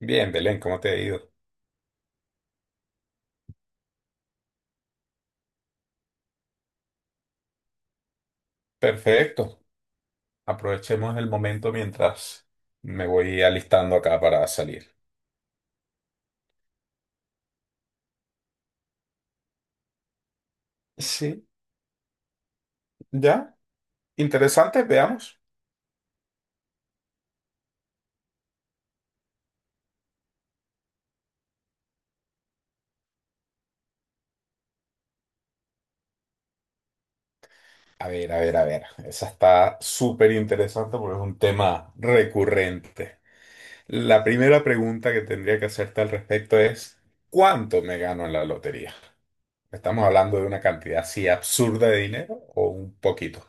Bien, Belén, ¿cómo te ha ido? Perfecto. Aprovechemos el momento mientras me voy alistando acá para salir. Sí, ya. Interesante, veamos. A ver, a ver, a ver. Esa está súper interesante porque es un tema recurrente. La primera pregunta que tendría que hacerte al respecto es, ¿cuánto me gano en la lotería? ¿Estamos hablando de una cantidad así absurda de dinero o un poquito?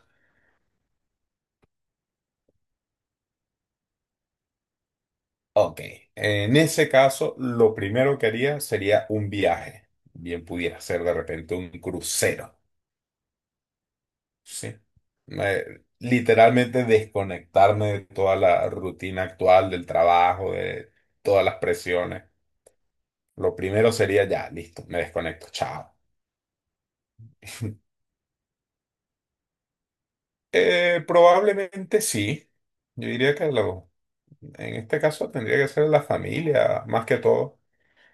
Ok, en ese caso, lo primero que haría sería un viaje. Bien pudiera ser de repente un crucero, ¿sí? Me- Literalmente desconectarme de toda la rutina actual, del trabajo, de todas las presiones. Lo primero sería ya, listo, me desconecto, chao. Probablemente sí. Yo diría que en este caso tendría que ser la familia, más que todo.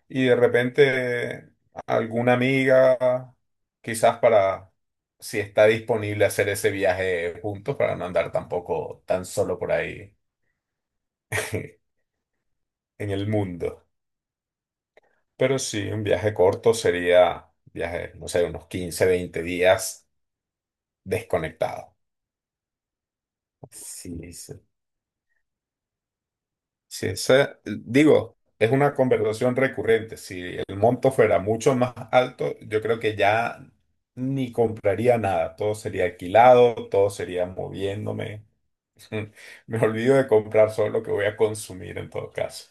Y de repente alguna amiga, quizás para, si está disponible hacer ese viaje juntos, para no andar tampoco tan solo por ahí en el mundo. Pero sí, un viaje corto sería, viaje, no sé, unos 15 20 días desconectado. Sí, sí. Si esa, digo, es una conversación recurrente. Si el monto fuera mucho más alto, yo creo que ya ni compraría nada. Todo sería alquilado, todo sería moviéndome. Me olvido de comprar solo lo que voy a consumir en todo caso.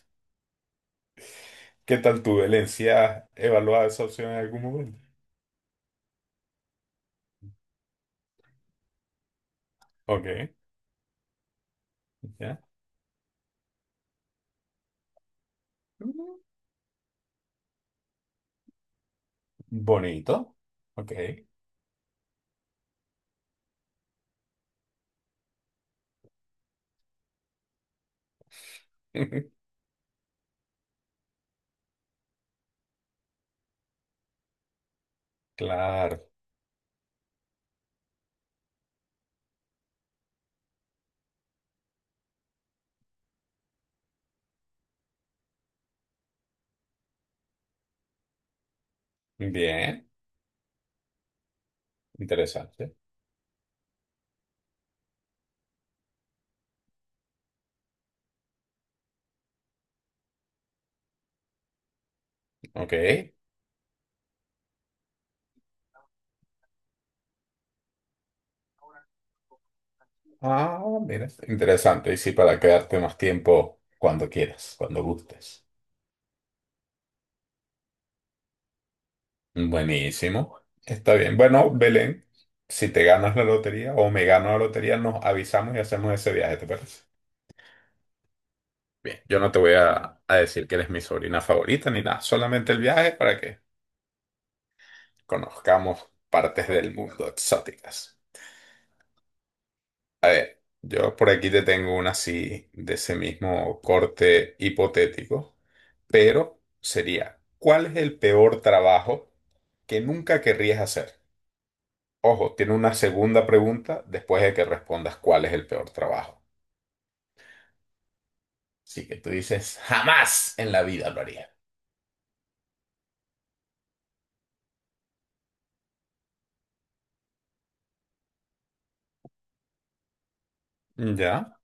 ¿Qué tal tu Valencia? ¿Evaluada esa opción en algún momento? Ok, ya. Mm. Bonito. Ok. Claro. Bien. Interesante. Ok. Ah, mira, interesante. Y sí, para quedarte más tiempo cuando quieras, cuando gustes. Buenísimo. Está bien. Bueno, Belén, si te ganas la lotería o me gano la lotería, nos avisamos y hacemos ese viaje, ¿te parece? Bien, yo no te voy a decir que eres mi sobrina favorita ni nada, solamente el viaje para que conozcamos partes del mundo exóticas. Yo por aquí te tengo una así de ese mismo corte hipotético. Pero sería, ¿cuál es el peor trabajo que nunca querrías hacer? Ojo, tiene una segunda pregunta después de que respondas cuál es el peor trabajo. Así que tú dices, jamás en la vida lo haría. Ya,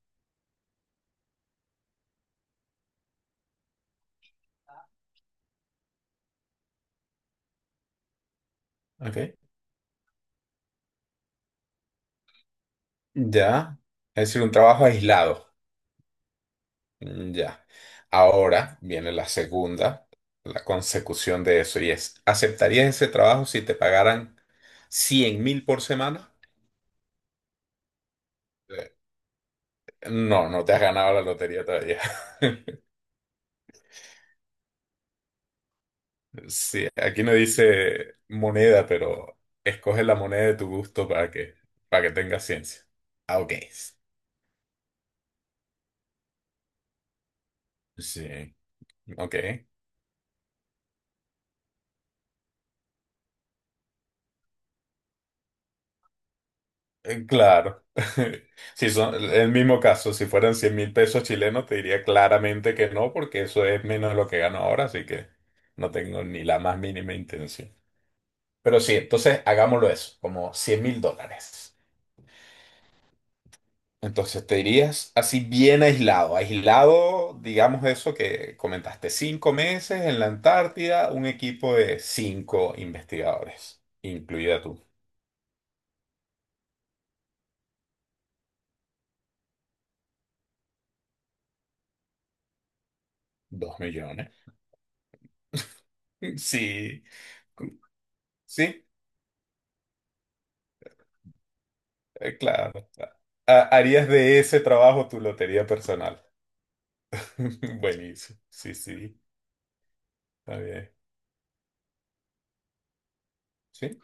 ok. Ya. Es decir, un trabajo aislado. Mm. Ya. Ahora viene la segunda, la consecución de eso, y es, ¿aceptarías ese trabajo si te pagaran 100.000 por semana? Eh, No, no te has ganado la lotería todavía. Sí, aquí no dice moneda, pero escoge la moneda de tu gusto para que tenga ciencia. Ah, ok. Sí, ok. Claro. Si son el mismo caso, si fueran 100.000 pesos chilenos, te diría claramente que no, porque eso es menos de lo que gano ahora, así que no tengo ni la más mínima intención. Pero sí, entonces hagámoslo eso, como 100.000 dólares. Entonces te dirías así bien aislado, aislado, digamos eso que comentaste, 5 meses en la Antártida, un equipo de cinco investigadores, incluida tú, 2 millones. Sí, sí, claro. Harías de ese trabajo tu lotería personal. Buenísimo, sí, sí, está bien. Sí,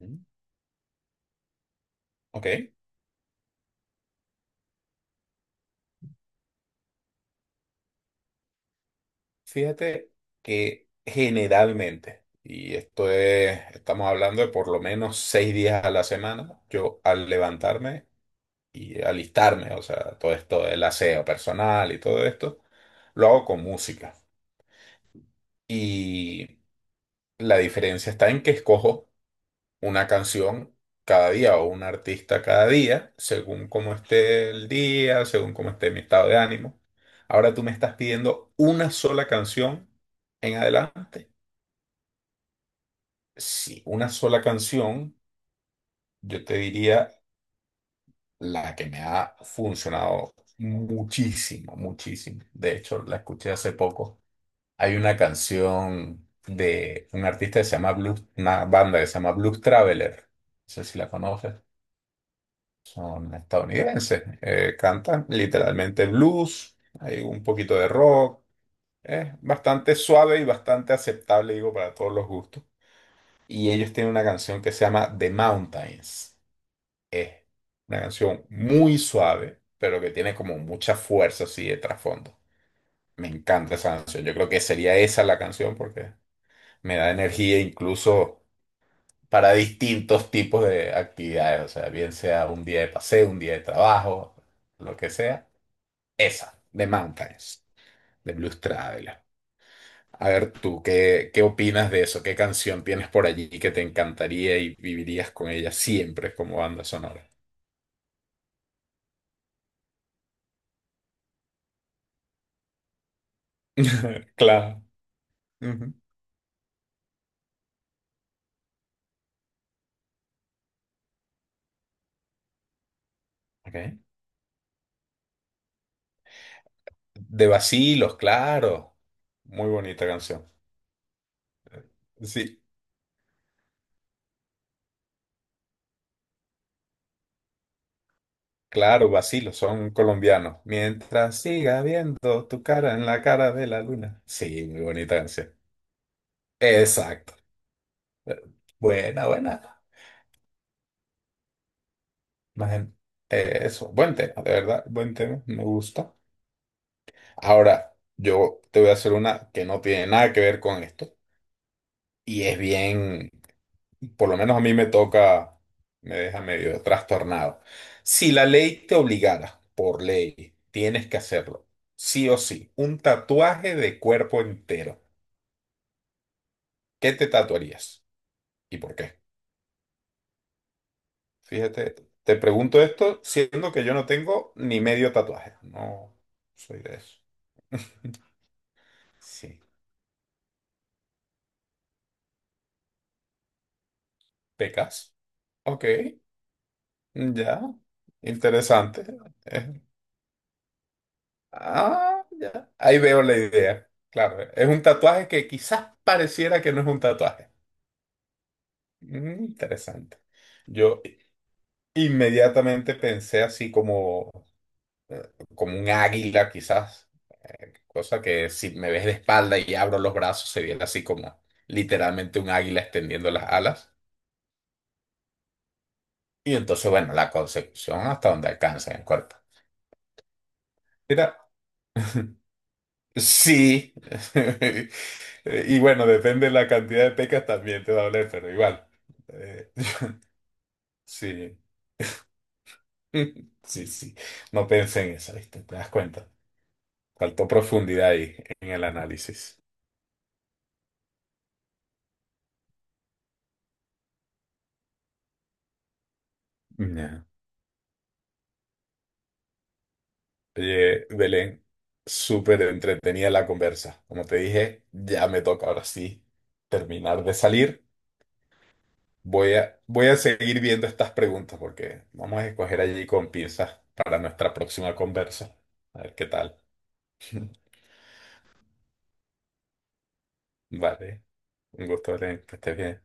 mm, ok. Fíjate que generalmente, y esto es, estamos hablando de por lo menos 6 días a la semana, yo al levantarme y alistarme, o sea, todo esto del aseo personal y todo esto, lo hago con música. Y la diferencia está en que escojo una canción cada día o un artista cada día, según cómo esté el día, según cómo esté mi estado de ánimo. Ahora tú me estás pidiendo una sola canción en adelante. Si una sola canción, yo te diría la que me ha funcionado muchísimo, muchísimo. De hecho, la escuché hace poco. Hay una canción de un artista que se llama Blues, una banda que se llama Blues Traveler. No sé si la conoces. Son estadounidenses. Cantan literalmente blues. Hay un poquito de rock. Es bastante suave y bastante aceptable, digo, para todos los gustos. Y ellos tienen una canción que se llama The Mountains. Es una canción muy suave, pero que tiene como mucha fuerza así de trasfondo. Me encanta esa canción. Yo creo que sería esa la canción porque me da energía incluso para distintos tipos de actividades. O sea, bien sea un día de paseo, un día de trabajo, lo que sea. Esa, The Mountains, de Blues Traveler. A ver tú, ¿qué opinas de eso? ¿Qué canción tienes por allí que te encantaría y vivirías con ella siempre como banda sonora? Claro. Ujú. Ok. De Bacilos, claro. Muy bonita canción. Sí, claro, Bacilos, son colombianos. Mientras siga viendo tu cara en la cara de la luna. Sí, muy bonita canción. Exacto. Eh, Buena, buena. Más en- eso, buen tema, de verdad, buen tema, me gusta. Ahora, yo te voy a hacer una que no tiene nada que ver con esto y es bien, por lo menos a mí me toca, me deja medio trastornado. Si la ley te obligara, por ley, tienes que hacerlo, sí o sí, un tatuaje de cuerpo entero. ¿Qué te tatuarías? ¿Y por qué? Fíjate, te pregunto esto siendo que yo no tengo ni medio tatuaje. No soy de eso. Sí. ¿Pecas? Ok, ya. Interesante. Ah, ya. Ahí veo la idea. Claro, es un tatuaje que quizás pareciera que no es un tatuaje. Mm, interesante. Yo inmediatamente pensé así como, eh, como un águila, quizás. Cosa que si me ves de espalda y abro los brazos, se viera así como literalmente un águila extendiendo las alas. Y entonces, bueno, la concepción hasta donde alcanza en el cuerpo. Mira. Sí. Y bueno, depende de la cantidad de pecas también te va a doler, pero igual. Eh, sí. Sí, sí. No pensé en eso, ¿viste? Te das cuenta. Faltó profundidad ahí en el análisis. Ya. Oye, Belén, súper entretenida la conversa. Como te dije, ya me toca ahora sí terminar de salir. Voy a seguir viendo estas preguntas porque vamos a escoger allí con pinzas para nuestra próxima conversa. A ver qué tal. Vale. Un gusto, Belén, que estés bien.